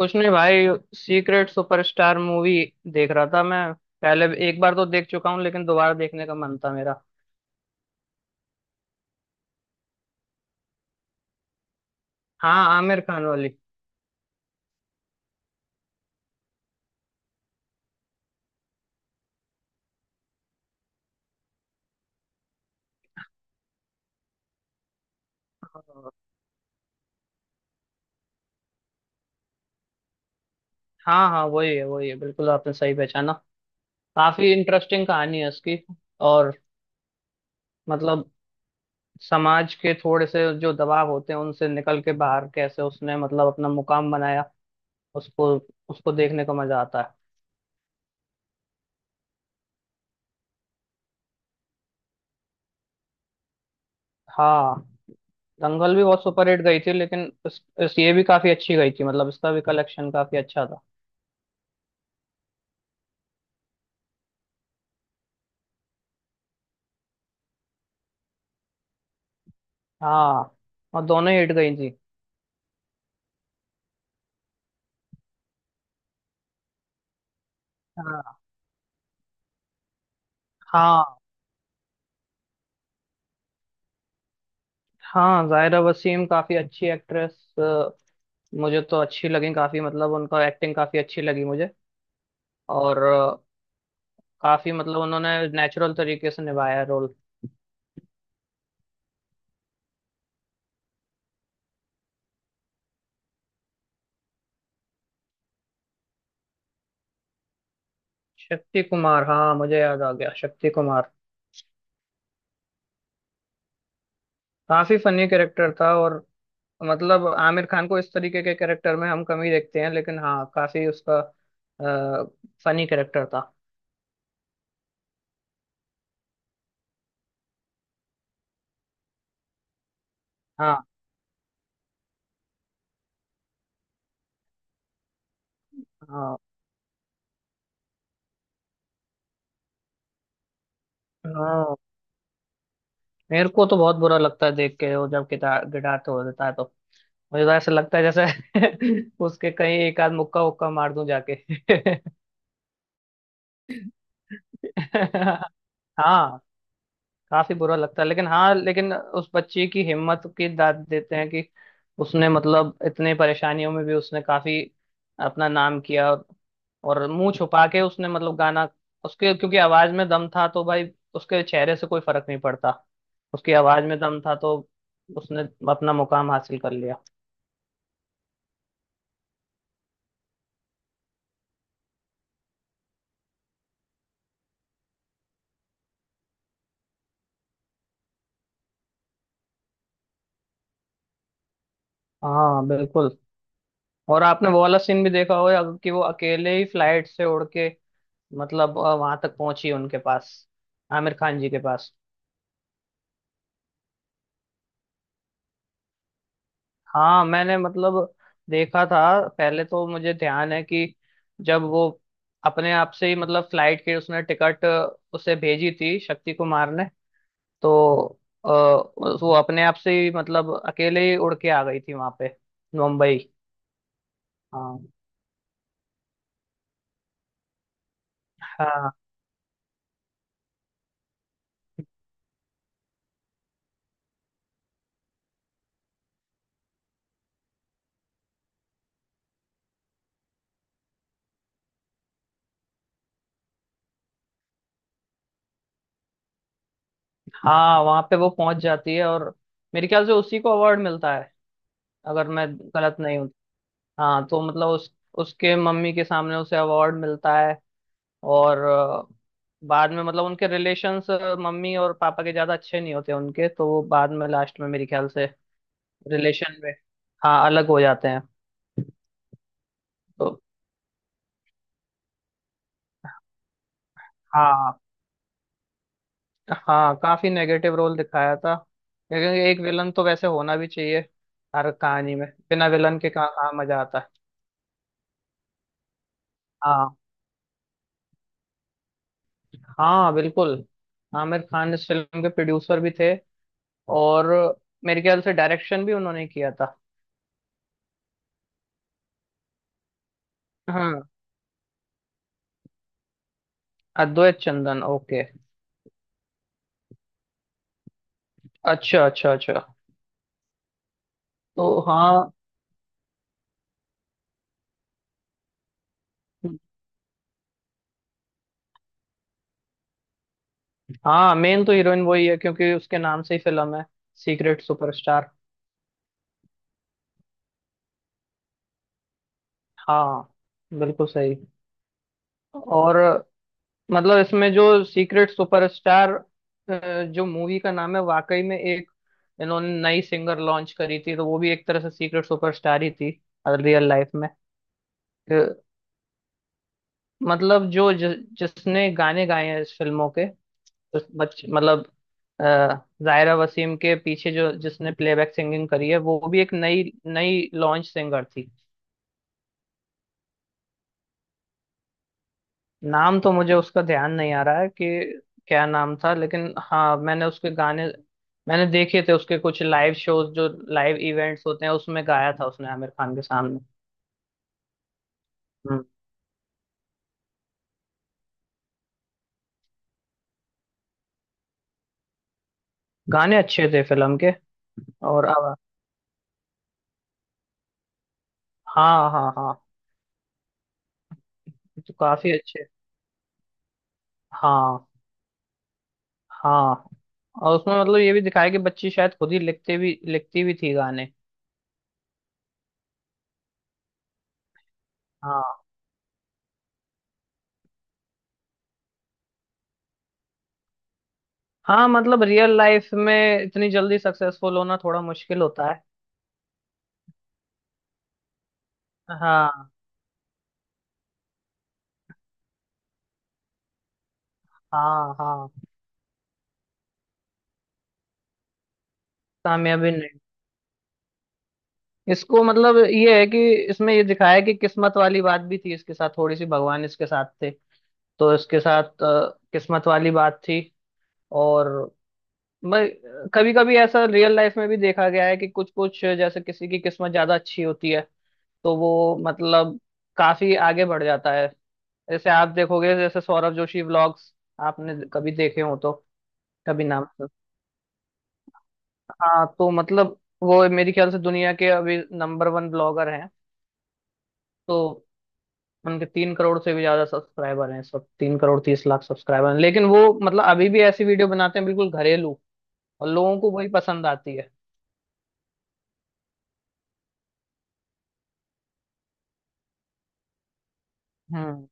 कुछ नहीं भाई। सीक्रेट सुपरस्टार मूवी देख रहा था मैं। एक बार तो देख चुका हूँ, लेकिन दोबारा देखने का मन था मेरा। हाँ, आमिर खान वाली। हाँ हाँ, वही है, वही है, बिल्कुल आपने सही पहचाना। काफी इंटरेस्टिंग कहानी है उसकी। और मतलब, समाज के थोड़े से जो दबाव होते हैं उनसे निकल के बाहर कैसे उसने मतलब अपना मुकाम बनाया, उसको उसको देखने का मजा आता है। हाँ। दंगल भी बहुत सुपरहिट गई थी, लेकिन इस ये भी काफी अच्छी गई थी, मतलब इसका भी कलेक्शन काफी अच्छा था। हाँ, और दोनों हिट गई थी। हाँ हाँ हाँ, जाहिरा वसीम काफी अच्छी एक्ट्रेस। मुझे तो अच्छी लगी काफी, मतलब उनका एक्टिंग काफी अच्छी लगी मुझे। और काफी मतलब उन्होंने नेचुरल तरीके से निभाया रोल। शक्ति कुमार, हाँ, मुझे याद आ गया, शक्ति कुमार। काफी फनी कैरेक्टर था। और मतलब आमिर खान को इस तरीके के कैरेक्टर में हम कम ही देखते हैं, लेकिन हाँ, काफी उसका फनी कैरेक्टर था। हाँ हाँ हाँ। मेरे को तो बहुत बुरा लगता है देख के, वो जब गिटार गिटार तो हो जाता है तो मुझे तो ऐसा लगता है जैसे उसके कहीं एक आध मुक्का उक्का मार दूं जाके। हाँ, काफी बुरा लगता है, लेकिन हाँ, लेकिन उस बच्ची की हिम्मत की दाद देते हैं कि उसने मतलब इतने परेशानियों में भी उसने काफी अपना नाम किया, और मुंह छुपा के उसने मतलब गाना, उसके क्योंकि आवाज में दम था तो भाई उसके चेहरे से कोई फर्क नहीं पड़ता। उसकी आवाज में दम था, तो उसने अपना मुकाम हासिल कर लिया। हाँ, बिल्कुल। और आपने वो वाला सीन भी देखा होगा कि वो अकेले ही फ्लाइट से उड़ के मतलब वहां तक पहुंची, उनके पास, आमिर खान जी के पास। हाँ, मैंने मतलब देखा था, पहले तो मुझे ध्यान है कि जब वो अपने आप से ही मतलब फ्लाइट की उसने टिकट, उसे भेजी थी शक्ति कुमार ने, तो अ, वो अपने आप से ही मतलब अकेले ही उड़ के आ गई थी वहां पे, मुंबई। हाँ हाँ हाँ, वहां पे वो पहुंच जाती है और मेरे ख्याल से उसी को अवार्ड मिलता है, अगर मैं गलत नहीं हूँ। हाँ, तो मतलब उस, उसके मम्मी के सामने उसे अवार्ड मिलता है। और बाद में मतलब उनके रिलेशंस, मम्मी और पापा के ज्यादा अच्छे नहीं होते उनके, तो वो बाद में लास्ट में मेरे ख्याल से रिलेशन में, हाँ, अलग हो जाते हैं। तो हाँ, हाँ, काफी नेगेटिव रोल दिखाया था, लेकिन एक विलन तो वैसे होना भी चाहिए। हर कहानी में बिना विलन के कहाँ कहाँ मजा आता है। हाँ, हाँ, बिल्कुल, आमिर खान इस फिल्म के प्रोड्यूसर भी थे। और मेरे ख्याल से डायरेक्शन भी उन्होंने किया था। हाँ, अद्वैत चंदन, ओके। अच्छा अच्छा अच्छा। तो हाँ, हाँ, मेन तो हीरोइन वही है क्योंकि उसके नाम से ही फिल्म है, सीक्रेट सुपरस्टार। हाँ, बिल्कुल सही। और मतलब इसमें जो सीक्रेट सुपरस्टार जो मूवी का नाम है, वाकई में एक, इन्होंने नई सिंगर लॉन्च करी थी, तो वो भी एक तरह से सीक्रेट सुपरस्टार ही थी, रियल लाइफ में। अ, मतलब जिसने गाने गाए हैं इस फिल्मों के, तो बच मतलब अ, जायरा वसीम के पीछे जो जिसने प्लेबैक सिंगिंग करी है वो भी एक नई नई लॉन्च सिंगर थी। नाम तो मुझे उसका ध्यान नहीं आ रहा है कि क्या नाम था, लेकिन हाँ, मैंने उसके गाने, मैंने देखे थे उसके कुछ लाइव शोज, जो लाइव इवेंट्स होते हैं उसमें गाया था उसने आमिर खान के सामने। हम्म। गाने अच्छे थे फिल्म के। और अब, हाँ हाँ हाँ, तो काफी अच्छे। हाँ हाँ। और उसमें मतलब ये भी दिखाया कि बच्ची शायद खुद ही लिखते भी लिखती भी थी गाने। हाँ हाँ, मतलब रियल लाइफ में इतनी जल्दी सक्सेसफुल होना थोड़ा मुश्किल होता है। हाँ हाँ हाँ, कामयाबी नहीं, इसको मतलब ये है कि इसमें ये दिखाया है कि किस्मत वाली बात भी थी, इसके साथ थोड़ी सी भगवान इसके साथ थे। तो इसके साथ किस्मत वाली बात थी। और मैं, कभी कभी ऐसा रियल लाइफ में भी देखा गया है कि कुछ कुछ जैसे किसी की किस्मत ज्यादा अच्छी होती है, तो वो मतलब काफी आगे बढ़ जाता है। जैसे आप देखोगे जैसे सौरभ जोशी व्लॉग्स, आपने कभी देखे हो तो? कभी नाम सुन, हाँ, तो मतलब वो मेरे ख्याल से दुनिया के अभी नंबर वन ब्लॉगर हैं। तो उनके 3 करोड़ से भी ज्यादा सब्सक्राइबर हैं, सब 3 करोड़ 30 लाख सब्सक्राइबर हैं, लेकिन वो मतलब अभी भी ऐसी वीडियो बनाते हैं बिल्कुल घरेलू, और लोगों को वही पसंद आती है। हम्म,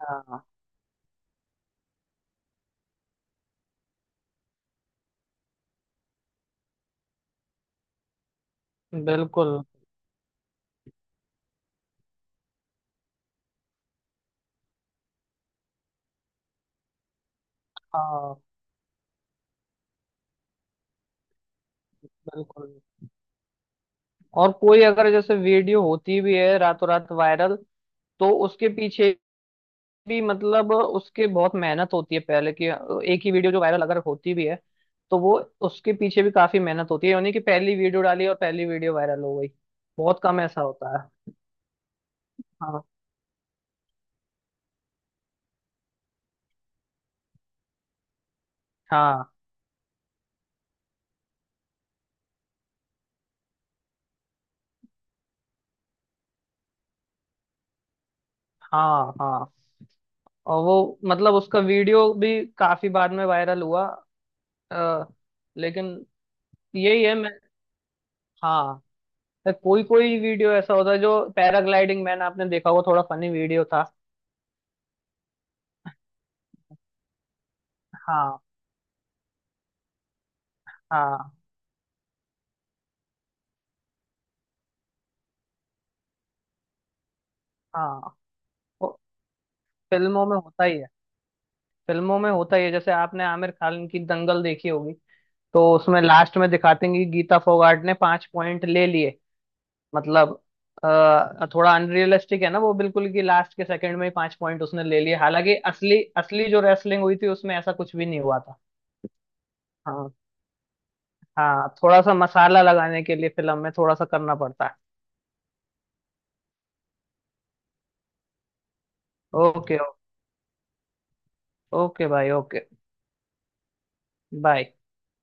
हाँ बिल्कुल। हाँ बिल्कुल, और कोई अगर जैसे वीडियो होती भी है रातों रात वायरल, तो उसके पीछे भी मतलब उसके बहुत मेहनत होती है पहले की। एक ही वीडियो जो वायरल अगर होती भी है, तो वो, उसके पीछे भी काफी मेहनत होती है, यानी कि पहली वीडियो डाली और पहली वीडियो वायरल हो गई, बहुत कम ऐसा होता है। हाँ हाँ हाँ हाँ, और वो मतलब उसका वीडियो भी काफी बाद में वायरल हुआ। अ, लेकिन यही है, मैं, हाँ, कोई कोई वीडियो ऐसा होता है, जो पैराग्लाइडिंग मैन आपने देखा होगा, थोड़ा फनी वीडियो था। हाँ हाँ हाँ, वो फिल्मों में होता ही है, फिल्मों में होता ही है, जैसे आपने आमिर खान की दंगल देखी होगी, तो उसमें लास्ट में दिखाते हैं कि गीता फोगाट ने 5 पॉइंट ले लिए। मतलब थोड़ा अनरियलिस्टिक है ना वो, बिल्कुल, कि लास्ट के सेकंड में ही 5 पॉइंट उसने ले लिए, हालांकि असली असली जो रेसलिंग हुई थी उसमें ऐसा कुछ भी नहीं हुआ था। हाँ हाँ, थोड़ा सा मसाला लगाने के लिए फिल्म में थोड़ा सा करना पड़ता है। ओके, ओके भाई, ओके। बाय।